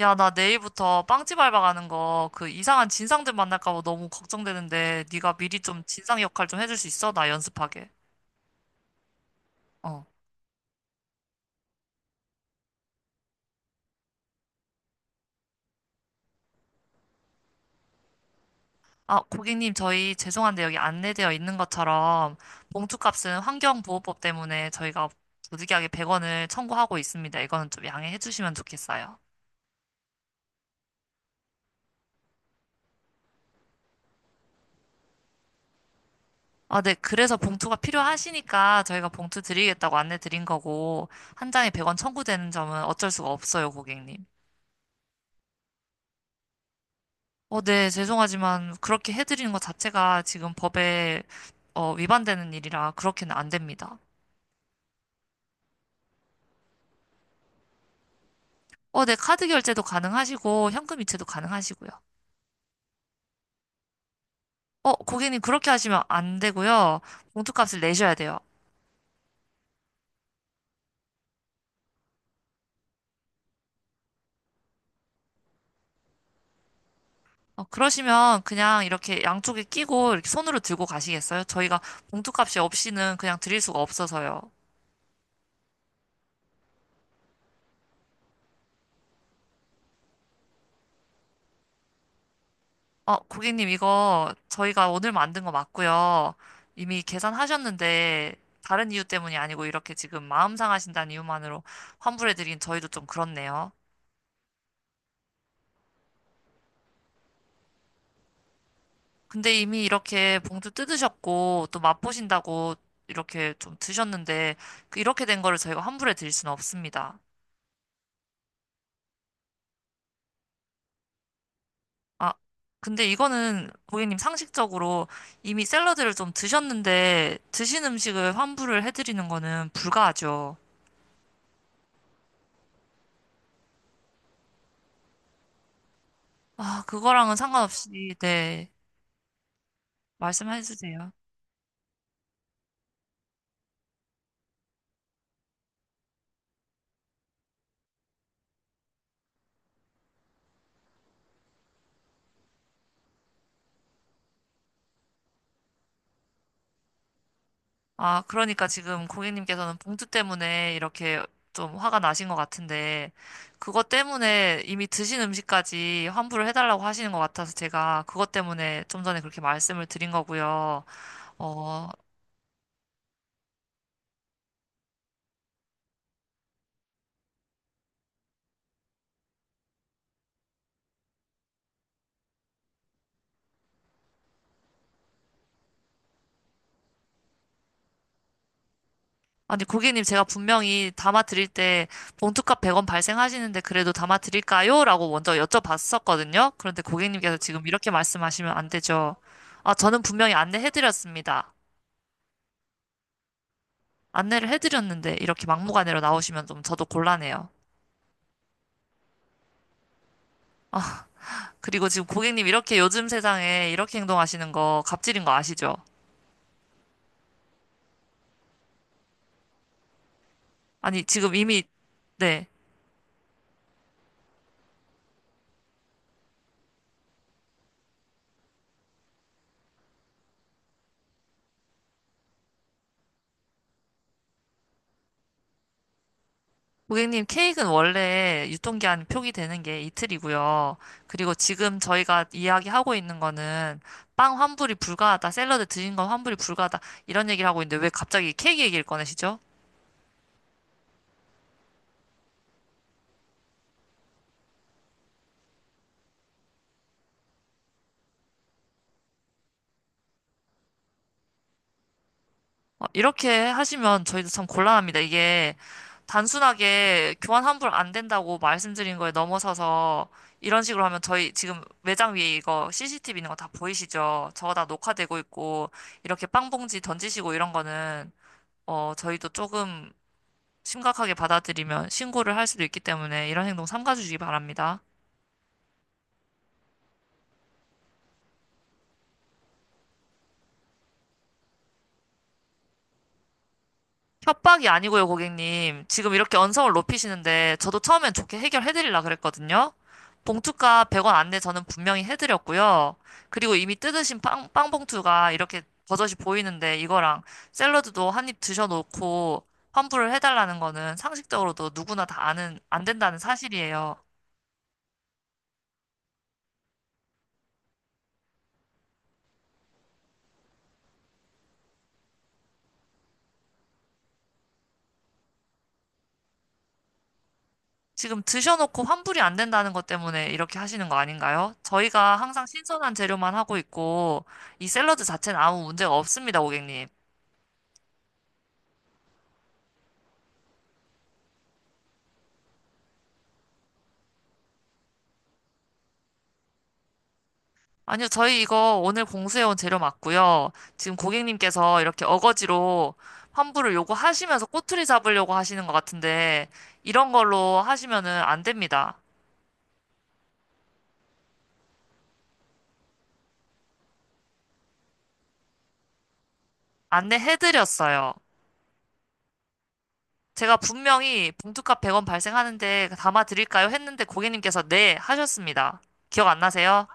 야, 나 내일부터 빵집 알바 가는 거 그 이상한 진상들 만날까 봐 너무 걱정되는데 네가 미리 좀 진상 역할 좀 해줄 수 있어? 나 연습하게. 어. 아, 고객님, 저희 죄송한데 여기 안내되어 있는 것처럼 봉투값은 환경보호법 때문에 저희가 부득이하게 100원을 청구하고 있습니다. 이거는 좀 양해해 주시면 좋겠어요. 아, 네. 그래서 봉투가 필요하시니까 저희가 봉투 드리겠다고 안내 드린 거고 한 장에 100원 청구되는 점은 어쩔 수가 없어요, 고객님. 어, 네, 죄송하지만 그렇게 해드리는 것 자체가 지금 법에 위반되는 일이라 그렇게는 안 됩니다. 어, 네, 카드 결제도 가능하시고 현금 이체도 가능하시고요. 어, 고객님 그렇게 하시면 안 되고요. 봉투값을 내셔야 돼요. 어, 그러시면 그냥 이렇게 양쪽에 끼고 이렇게 손으로 들고 가시겠어요? 저희가 봉투값이 없이는 그냥 드릴 수가 없어서요. 어, 고객님, 이거 저희가 오늘 만든 거 맞고요. 이미 계산하셨는데, 다른 이유 때문이 아니고 이렇게 지금 마음 상하신다는 이유만으로 환불해드린 저희도 좀 그렇네요. 근데 이미 이렇게 봉투 뜯으셨고, 또 맛보신다고 이렇게 좀 드셨는데, 그 이렇게 된 거를 저희가 환불해드릴 수는 없습니다. 아, 근데 이거는 고객님 상식적으로 이미 샐러드를 좀 드셨는데, 드신 음식을 환불을 해드리는 거는 불가하죠. 아, 그거랑은 상관없이, 네. 말씀해 주세요. 아, 그러니까 지금 고객님께서는 봉투 때문에 이렇게 좀 화가 나신 것 같은데, 그것 때문에 이미 드신 음식까지 환불을 해달라고 하시는 것 같아서 제가 그것 때문에 좀 전에 그렇게 말씀을 드린 거고요. 어, 아니, 고객님 제가 분명히 담아드릴 때 봉투값 100원 발생하시는데 그래도 담아드릴까요? 라고 먼저 여쭤봤었거든요. 그런데 고객님께서 지금 이렇게 말씀하시면 안 되죠. 아, 저는 분명히 안내해드렸습니다. 안내를 해드렸는데 이렇게 막무가내로 나오시면 좀 저도 곤란해요. 아, 그리고 지금 고객님 이렇게 요즘 세상에 이렇게 행동하시는 거 갑질인 거 아시죠? 아니, 지금 이미, 네. 고객님 케이크는 원래 유통기한 표기되는 게 이틀이고요. 그리고 지금 저희가 이야기하고 있는 거는 빵 환불이 불가하다, 샐러드 드신 건 환불이 불가하다, 이런 얘기를 하고 있는데 왜 갑자기 케이크 얘기를 꺼내시죠? 어, 이렇게 하시면 저희도 참 곤란합니다. 이게 단순하게 교환 환불 안 된다고 말씀드린 거에 넘어서서 이런 식으로 하면 저희 지금 매장 위에 이거 CCTV 있는 거 다 보이시죠? 저거 다 녹화되고 있고 이렇게 빵봉지 던지시고 이런 거는 저희도 조금 심각하게 받아들이면 신고를 할 수도 있기 때문에 이런 행동 삼가주시기 바랍니다. 협박이 아니고요, 고객님. 지금 이렇게 언성을 높이시는데 저도 처음엔 좋게 해결해드리려 그랬거든요. 봉투가 100원 안내 저는 분명히 해드렸고요. 그리고 이미 뜯으신 빵, 빵 봉투가 이렇게 버젓이 보이는데 이거랑 샐러드도 한 입 드셔놓고 환불을 해달라는 거는 상식적으로도 누구나 다 아는, 안 된다는 사실이에요. 지금 드셔놓고 환불이 안 된다는 것 때문에 이렇게 하시는 거 아닌가요? 저희가 항상 신선한 재료만 하고 있고 이 샐러드 자체는 아무 문제가 없습니다, 고객님. 아니요, 저희 이거 오늘 공수해온 재료 맞고요. 지금 고객님께서 이렇게 어거지로 환불을 요구하시면서 꼬투리 잡으려고 하시는 것 같은데, 이런 걸로 하시면은 안 됩니다. 안내해드렸어요. 제가 분명히 봉투값 100원 발생하는데 담아드릴까요? 했는데 고객님께서 네, 하셨습니다. 기억 안 나세요?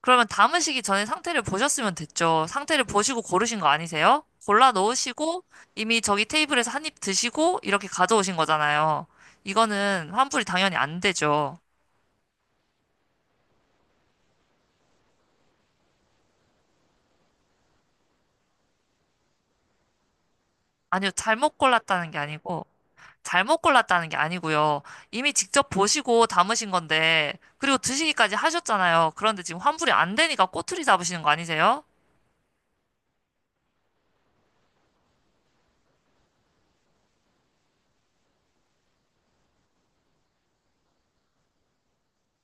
그러면 담으시기 전에 상태를 보셨으면 됐죠. 상태를 보시고 고르신 거 아니세요? 골라 놓으시고 이미 저기 테이블에서 한입 드시고 이렇게 가져오신 거잖아요. 이거는 환불이 당연히 안 되죠. 아니요, 잘못 골랐다는 게 아니고요. 이미 직접 보시고 담으신 건데, 그리고 드시기까지 하셨잖아요. 그런데 지금 환불이 안 되니까 꼬투리 잡으시는 거 아니세요?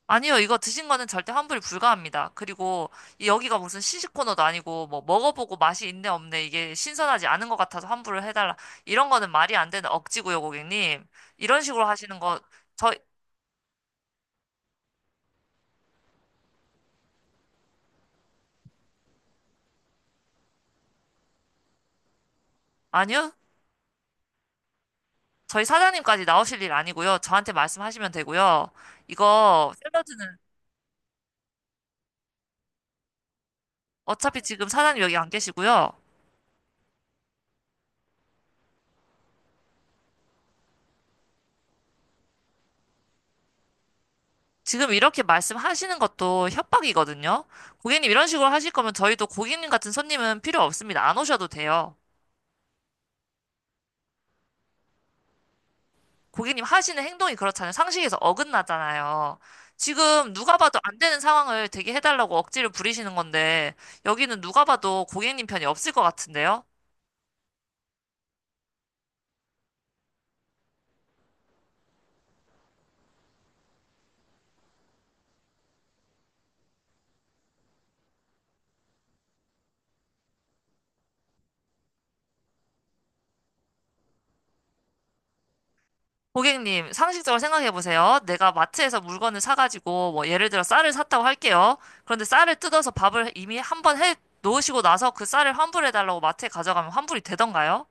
아니요, 이거 드신 거는 절대 환불이 불가합니다. 그리고 여기가 무슨 시식 코너도 아니고 뭐 먹어보고 맛이 있네 없네 이게 신선하지 않은 것 같아서 환불을 해달라 이런 거는 말이 안 되는 억지고요, 고객님. 이런 식으로 하시는 거 저희 아니요, 저희 사장님까지 나오실 일 아니고요. 저한테 말씀하시면 되고요. 이거 샐러드는 어차피 지금 사장님 여기 안 계시고요. 지금 이렇게 말씀하시는 것도 협박이거든요. 고객님 이런 식으로 하실 거면 저희도 고객님 같은 손님은 필요 없습니다. 안 오셔도 돼요. 고객님 하시는 행동이 그렇잖아요. 상식에서 어긋나잖아요. 지금 누가 봐도 안 되는 상황을 되게 해달라고 억지를 부리시는 건데, 여기는 누가 봐도 고객님 편이 없을 것 같은데요? 고객님, 상식적으로 생각해 보세요. 내가 마트에서 물건을 사가지고, 뭐, 예를 들어 쌀을 샀다고 할게요. 그런데 쌀을 뜯어서 밥을 이미 한 번 해 놓으시고 나서 그 쌀을 환불해 달라고 마트에 가져가면 환불이 되던가요?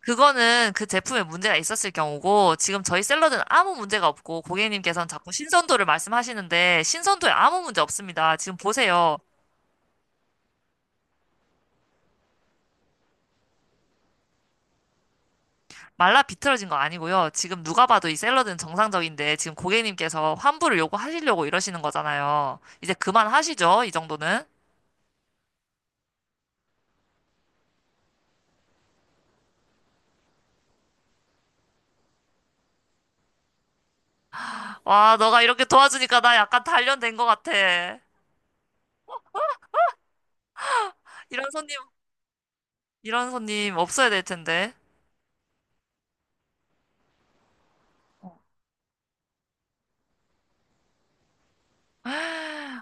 그거는 그 제품에 문제가 있었을 경우고, 지금 저희 샐러드는 아무 문제가 없고, 고객님께서는 자꾸 신선도를 말씀하시는데, 신선도에 아무 문제 없습니다. 지금 보세요. 말라 비틀어진 거 아니고요. 지금 누가 봐도 이 샐러드는 정상적인데, 지금 고객님께서 환불을 요구하시려고 이러시는 거잖아요. 이제 그만하시죠, 이 정도는. 와, 너가 이렇게 도와주니까 나 약간 단련된 것 같아. 이런 손님, 이런 손님 없어야 될 텐데.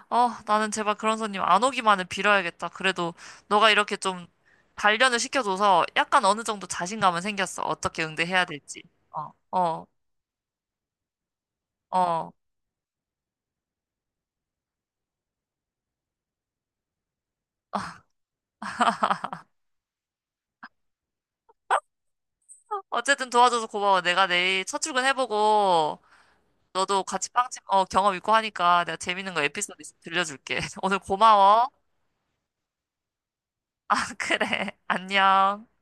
아, 나는 제발 그런 손님 안 오기만을 빌어야겠다. 그래도 너가 이렇게 좀 단련을 시켜줘서 약간 어느 정도 자신감은 생겼어. 어떻게 응대해야 될지. 어, 어, 어. 어쨌든 도와줘서 고마워. 내가 내일 첫 출근해보고 너도 같이 빵집 경험 있고 하니까 내가 재밌는 거 에피소드 있으면 들려줄게. 오늘 고마워. 아, 그래. 안녕.